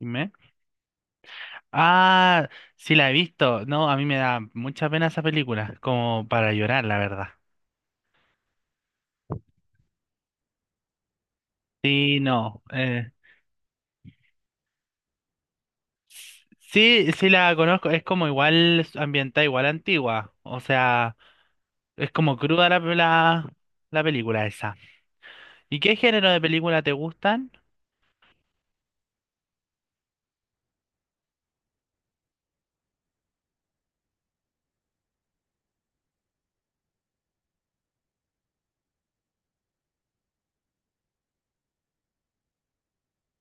Dime. Ah, sí la he visto. No, a mí me da mucha pena esa película, como para llorar, la verdad. Sí, no, sí, sí la conozco. Es como igual ambientada, igual antigua. O sea, es como cruda la película esa. ¿Y qué género de película te gustan?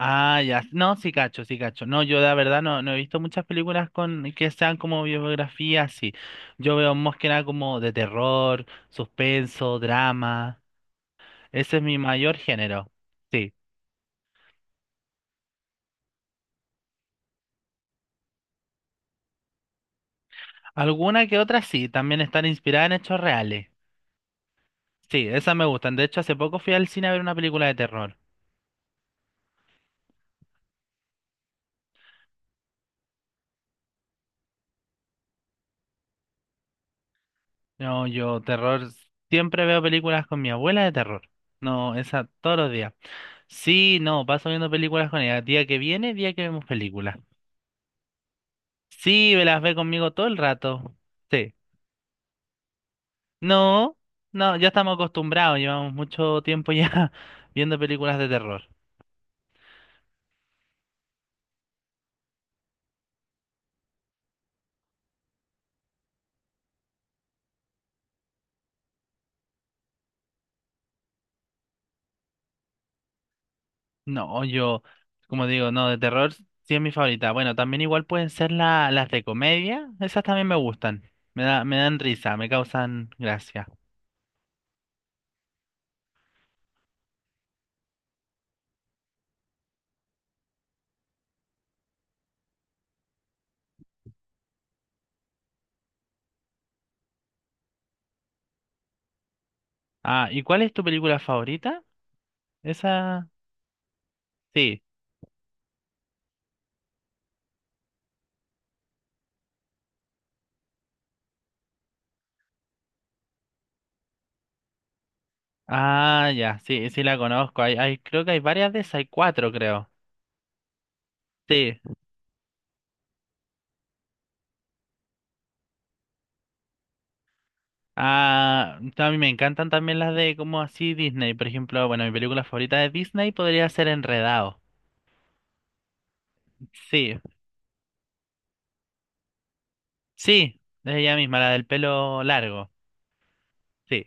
Ah, ya. No, sí cacho, sí cacho. No, yo la verdad no he visto muchas películas con que sean como biografías, sí. Yo veo más que nada como de terror, suspenso, drama. Ese es mi mayor género. Sí. Alguna que otra sí, también están inspiradas en hechos reales. Sí, esas me gustan. De hecho, hace poco fui al cine a ver una película de terror. No, yo terror, siempre veo películas con mi abuela de terror. No, esa todos los días. Sí, no, paso viendo películas con ella. Día que viene, día que vemos películas. Sí, me las ve conmigo todo el rato. Sí. No, no, ya estamos acostumbrados, llevamos mucho tiempo ya viendo películas de terror. No, yo, como digo, no, de terror sí es mi favorita. Bueno, también igual pueden ser las de comedia, esas también me gustan. Me dan risa, me causan gracia. Ah, ¿y cuál es tu película favorita? Esa, sí. Ah, ya, sí, sí la conozco. Hay, creo que hay varias de esas, hay cuatro, creo. Sí. Ah, a mí me encantan también las de como así Disney. Por ejemplo, bueno, mi película favorita de Disney podría ser Enredado. Sí, sí, es ella misma, la del pelo largo. Sí.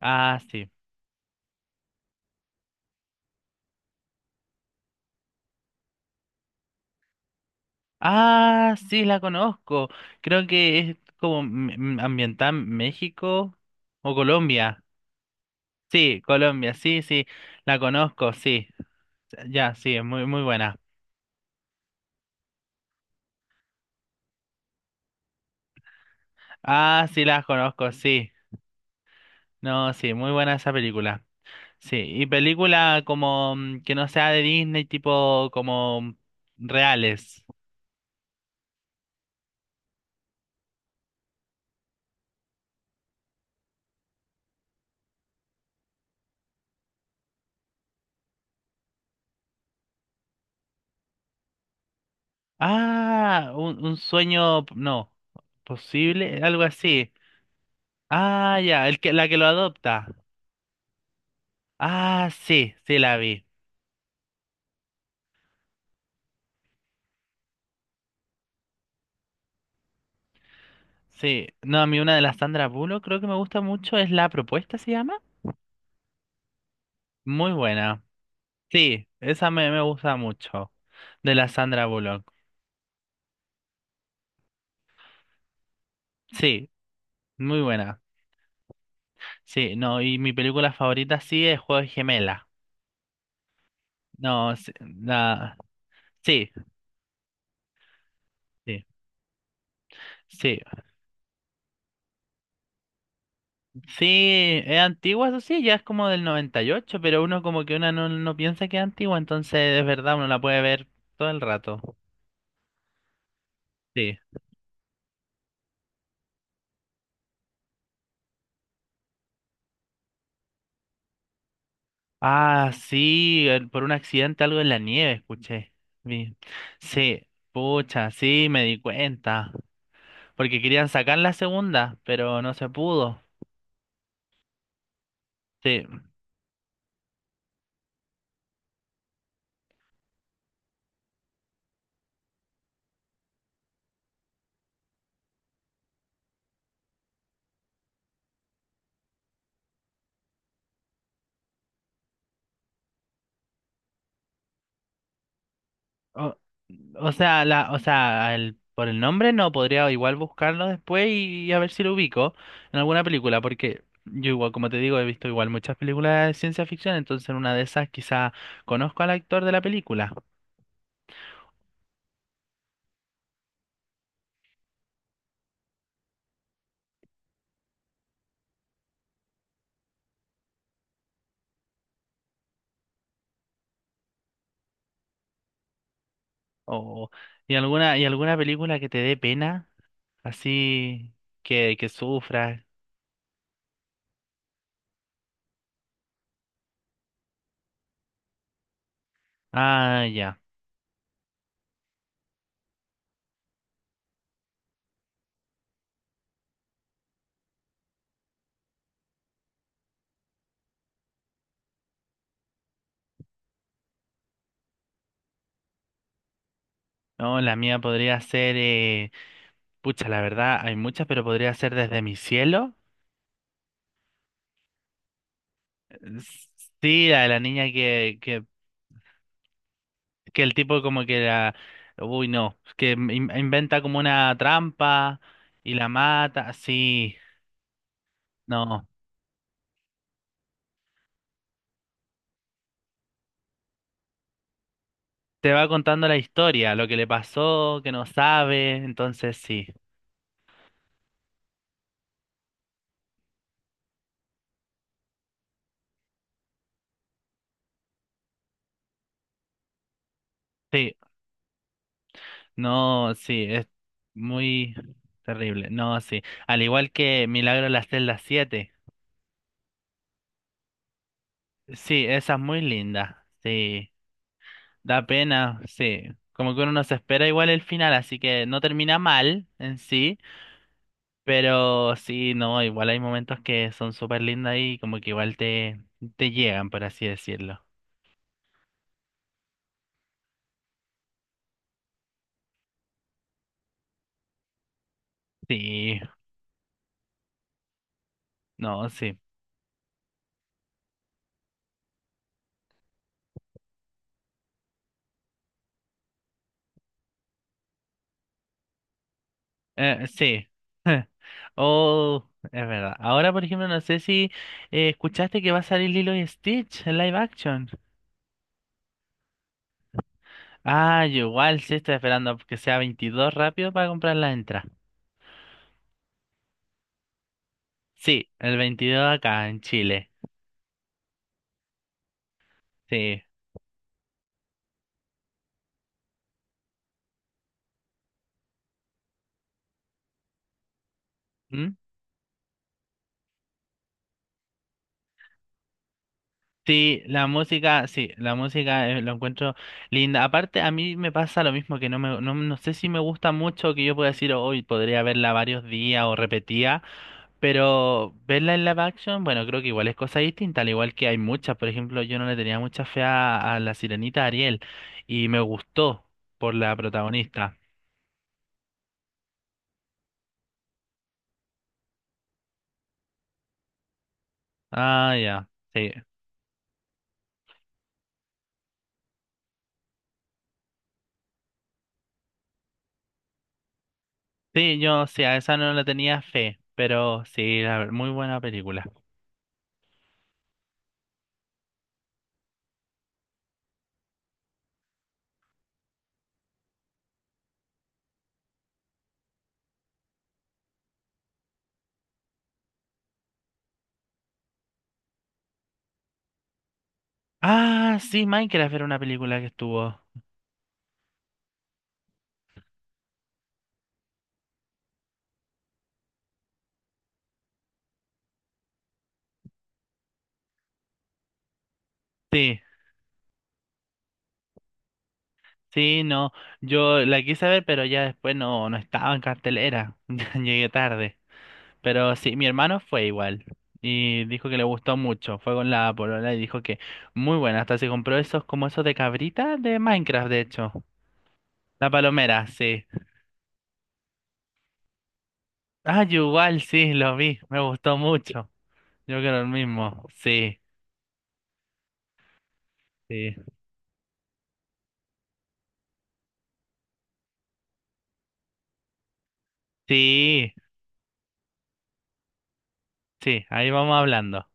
Ah, sí. Ah, sí, la conozco. Creo que es como ambientada en México o Colombia. Sí, Colombia, sí, sí, la conozco, sí. Ya, sí, es muy, muy buena. Ah, sí, la conozco, sí. No, sí, muy buena esa película. Sí, y película como que no sea de Disney, tipo como reales. Ah, un sueño, no, posible, algo así. Ah, ya, el que, la que lo adopta. Ah, sí, sí la vi. Sí, no, a mí una de las Sandra Bullock creo que me gusta mucho es La Propuesta, ¿se llama? Muy buena. Sí, esa me gusta mucho, de la Sandra Bullock. Sí, muy buena. Sí, no, y mi película favorita sí es Juego de Gemela. No, sí, la- sí, sí, sí. Sí, es antigua, eso sí, ya es como del 98, pero uno como que una no piensa que es antigua, entonces es verdad, uno la puede ver todo el rato. Sí. Ah, sí, por un accidente algo en la nieve, escuché. Vi. Sí, pucha, sí, me di cuenta. Porque querían sacar la segunda, pero no se pudo. Sí. O, o sea, la, o sea, por el nombre no, podría igual buscarlo después y a ver si lo ubico en alguna película, porque yo igual, como te digo, he visto igual muchas películas de ciencia ficción, entonces en una de esas quizá conozco al actor de la película. O, y alguna película que te dé pena. Así que sufra. Ah, ya. No, la mía podría ser, pucha, la verdad, hay muchas, pero podría ser desde mi cielo. S- Sí, la de la niña que el tipo como que la, uy, no, que inventa como una trampa y la mata, sí, no. Te va contando la historia, lo que le pasó, que no sabe, entonces sí. Sí, no, sí, es muy terrible. No, sí. Al igual que Milagro en las celdas siete. Sí, esa es muy linda. Sí, da pena, sí. Como que uno no se espera igual el final, así que no termina mal en sí, pero sí, no, igual hay momentos que son súper lindas y como que igual te llegan, por así decirlo. Sí, no, sí. Sí. Oh, es verdad. Ahora, por ejemplo, no sé si escuchaste que va a salir Lilo y Stitch en live action. Ah, yo igual sí estoy esperando que sea 22 rápido para comprar la entrada. Sí, el 22 acá en Chile. Sí. ¿Mm? Sí, la música lo encuentro linda. Aparte, a mí me pasa lo mismo, que no no sé si me gusta mucho que yo pueda decir, hoy podría verla varios días o repetía. Pero verla en live action, bueno, creo que igual es cosa distinta, al igual que hay muchas. Por ejemplo, yo no le tenía mucha fe a la sirenita Ariel y me gustó por la protagonista. Ah, ya, sí. Sí, yo sí, a esa no le tenía fe, pero sí, muy buena película. Ah, sí, Minecraft era una película que estuvo. Sí, sí, no. Yo la quise ver, pero ya después no, no estaba en cartelera. Ya llegué tarde. Pero sí, mi hermano fue igual y dijo que le gustó mucho. Fue con la polola y dijo que muy buena. Hasta se compró esos como esos de cabrita de Minecraft, de hecho. La palomera, sí. Ah, yo igual, sí, lo vi. Me gustó mucho. Yo quiero el mismo. Sí, sí. Sí, sí, ahí vamos hablando.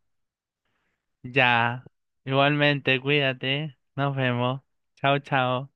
Ya. Igualmente, cuídate. Nos vemos. Chao, chao.